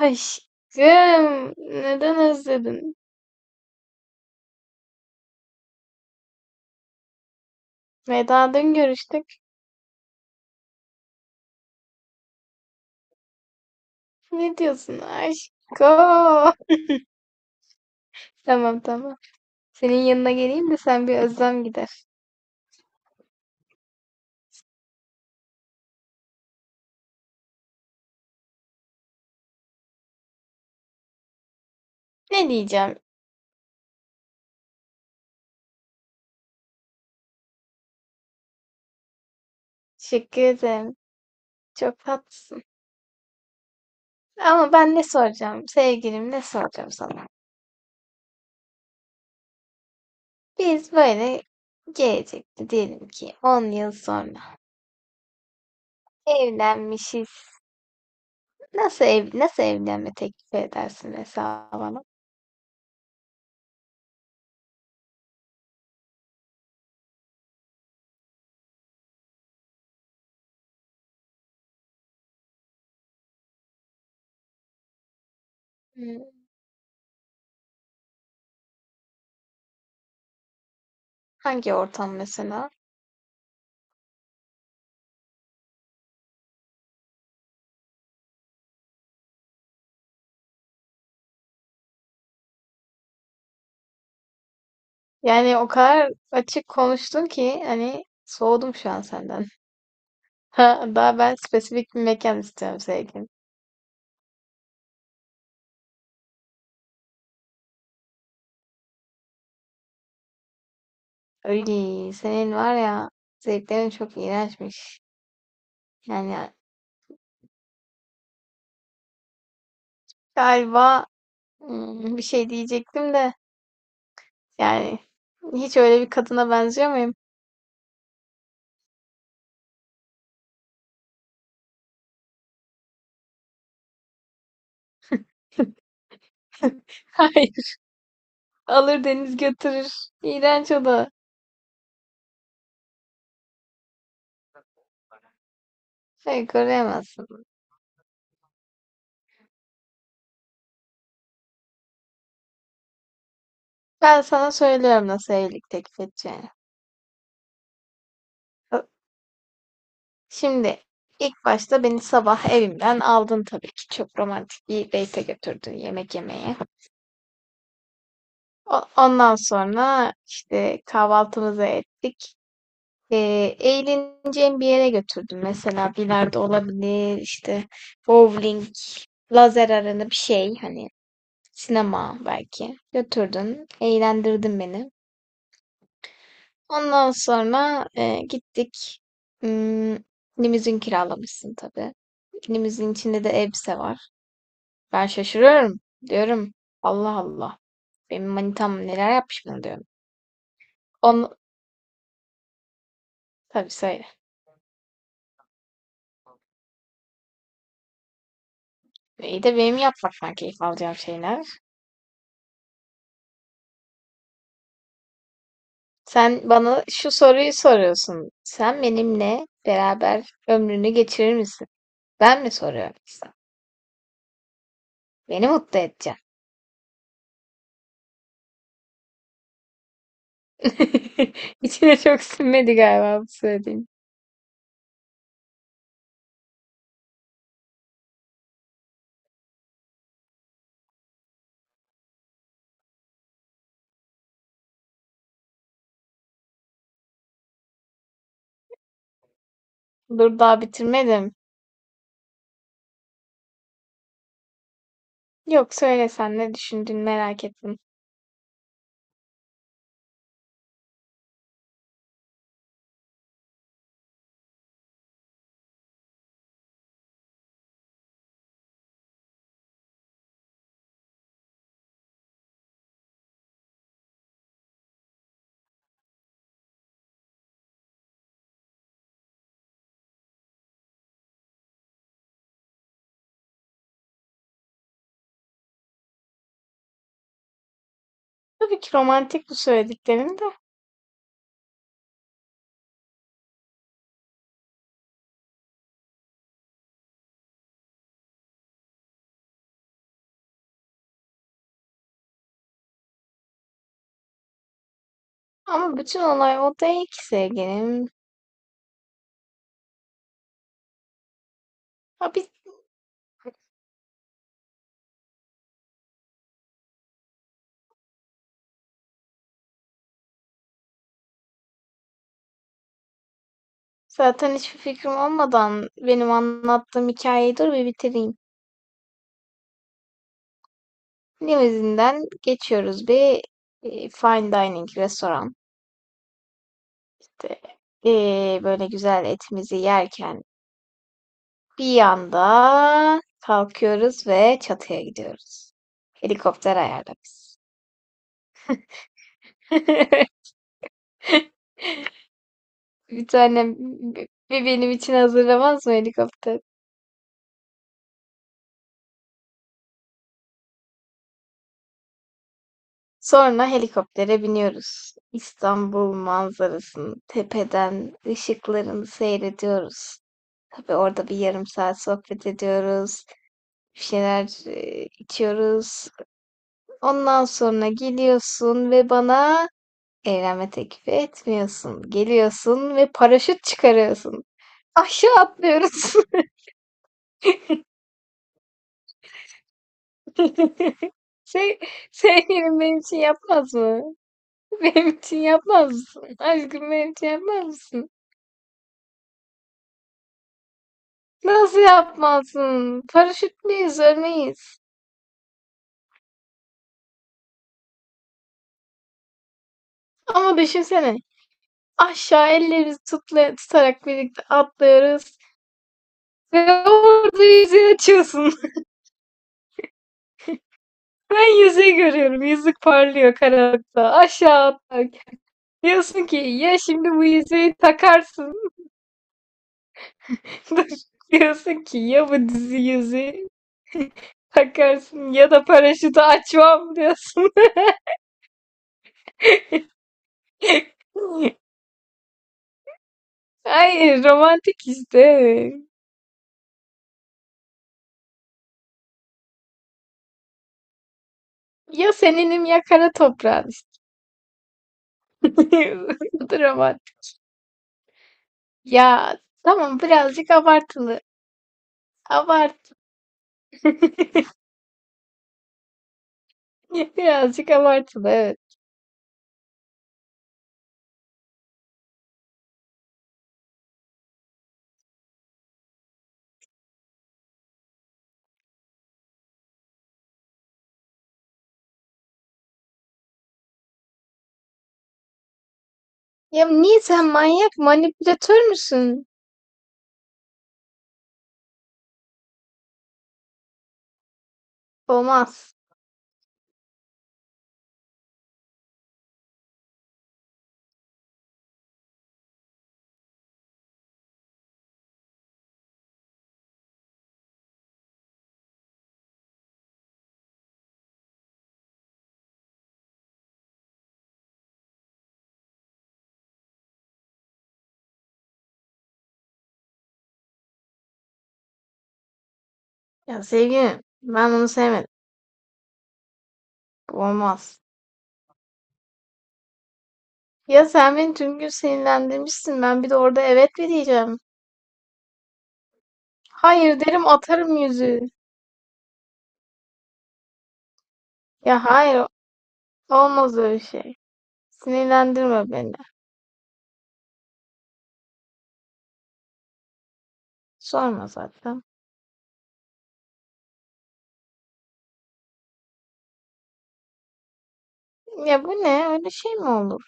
Aşkım, neden özledin? Veda dün görüştük. Ne diyorsun aşkım? Tamam tamam. Senin yanına geleyim de sen bir özlem gider. Ne diyeceğim? Teşekkür ederim. Çok tatlısın. Ama ben ne soracağım? Sevgilim ne soracağım sana? Biz böyle gelecekte diyelim ki 10 yıl sonra evlenmişiz. Nasıl evlenme teklifi edersin mesela bana? Hmm, Hangi ortam mesela? Yani o kadar açık konuştun ki hani soğudum şu an senden. Ha, daha ben spesifik bir mekan istiyorum sevgilim. Öyle senin var ya zevklerin çok iğrençmiş. Yani galiba bir şey diyecektim de yani hiç öyle bir kadına benziyor muyum? Hayır. Alır deniz götürür. İğrenç o da. Hayır koruyamazsın. Ben sana söylüyorum nasıl evlilik teklif edeceğini. Şimdi ilk başta beni sabah evimden aldın tabii ki. Çok romantik bir date'e götürdün yemek yemeye. Ondan sonra işte kahvaltımızı ettik. Eğleneceğim bir yere götürdüm. Mesela bilardo olabilir, işte bowling, lazer arena bir şey hani sinema belki. Götürdün, eğlendirdin beni. Ondan sonra gittik. Hmm, Limuzin kiralamışsın tabii. Limuzin içinde de elbise var. Ben şaşırıyorum. Diyorum Allah Allah. Benim manitam neler yapmış bana diyorum. Onu tabii söyle. İyi de benim yapmaktan keyif alacağım şeyler. Sen bana şu soruyu soruyorsun. Sen benimle beraber ömrünü geçirir misin? Ben mi soruyorum sana? Beni mutlu edeceksin. İçine çok sinmedi galiba bu söylediğin. Dur daha bitirmedim. Yok söyle sen ne düşündüğünü merak ettim. Tabii ki romantik bu söylediklerim de. Ama bütün olay o değil ki sevgilim. Ha, biz Zaten hiçbir fikrim olmadan benim anlattığım hikayeyi dur bir bitireyim. Limuzinden geçiyoruz bir fine dining restoran. İşte, böyle güzel etimizi yerken bir anda kalkıyoruz ve çatıya gidiyoruz. Helikopter ayarlamış. Bir tane bir benim için hazırlamaz mı helikopter? Sonra helikoptere biniyoruz. İstanbul manzarasını tepeden ışıklarını seyrediyoruz. Tabii orada bir yarım saat sohbet ediyoruz. Bir şeyler içiyoruz. Ondan sonra geliyorsun ve bana evlenme teklifi etmiyorsun. Geliyorsun ve paraşüt çıkarıyorsun. Aşağı atlıyoruz. Şey, Sevgilim benim için yapmaz mı? Benim için yapmaz mısın? Aşkım benim için yapmaz mısın? Nasıl yapmazsın? Paraşütleyiz, örneğiz. Ama düşünsene. Aşağı ellerimizi tutarak birlikte atlıyoruz. Ve orada yüzüğü açıyorsun. Ben yüzüğü görüyorum. Yüzük parlıyor karanlıkta. Aşağı atlarken. Diyorsun ki ya şimdi bu yüzüğü takarsın. Diyorsun ki ya bu dizi yüzüğü takarsın ya da paraşütü açmam diyorsun. Ay romantik işte. Ya seninim ya kara toprağın işte. Dramatik. Ya, tamam birazcık abartılı. Abart Birazcık abartılı, evet. Ya, niye sen manyak, manipülatör müsün? Olmaz. Ya sevgilim, ben bunu sevmedim. Bu olmaz. Ya sen beni tüm gün sinirlendirmişsin. Ben bir de orada evet mi diyeceğim? Hayır derim atarım yüzüğü. Ya hayır, olmaz öyle şey. Sinirlendirme beni. Sorma zaten. Ya bu ne? Öyle şey mi olur?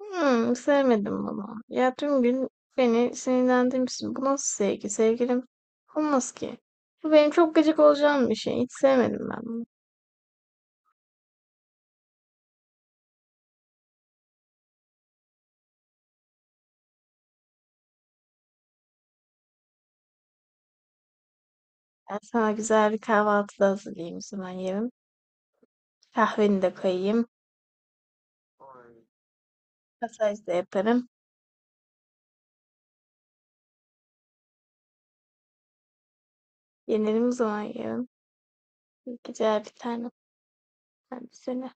Sevmedim bunu. Ya tüm gün beni sinirlendirmişsin. Bu nasıl sevgi sevgilim? Olmaz ki. Bu benim çok gıcık olacağım bir şey. Hiç sevmedim ben bunu. Ben sana güzel bir kahvaltı da hazırlayayım o zaman yerim. Kahveni de koyayım. Masaj da yaparım. Yenelim o zaman yarın. İyi geceler bir tanem. Ben bir seni.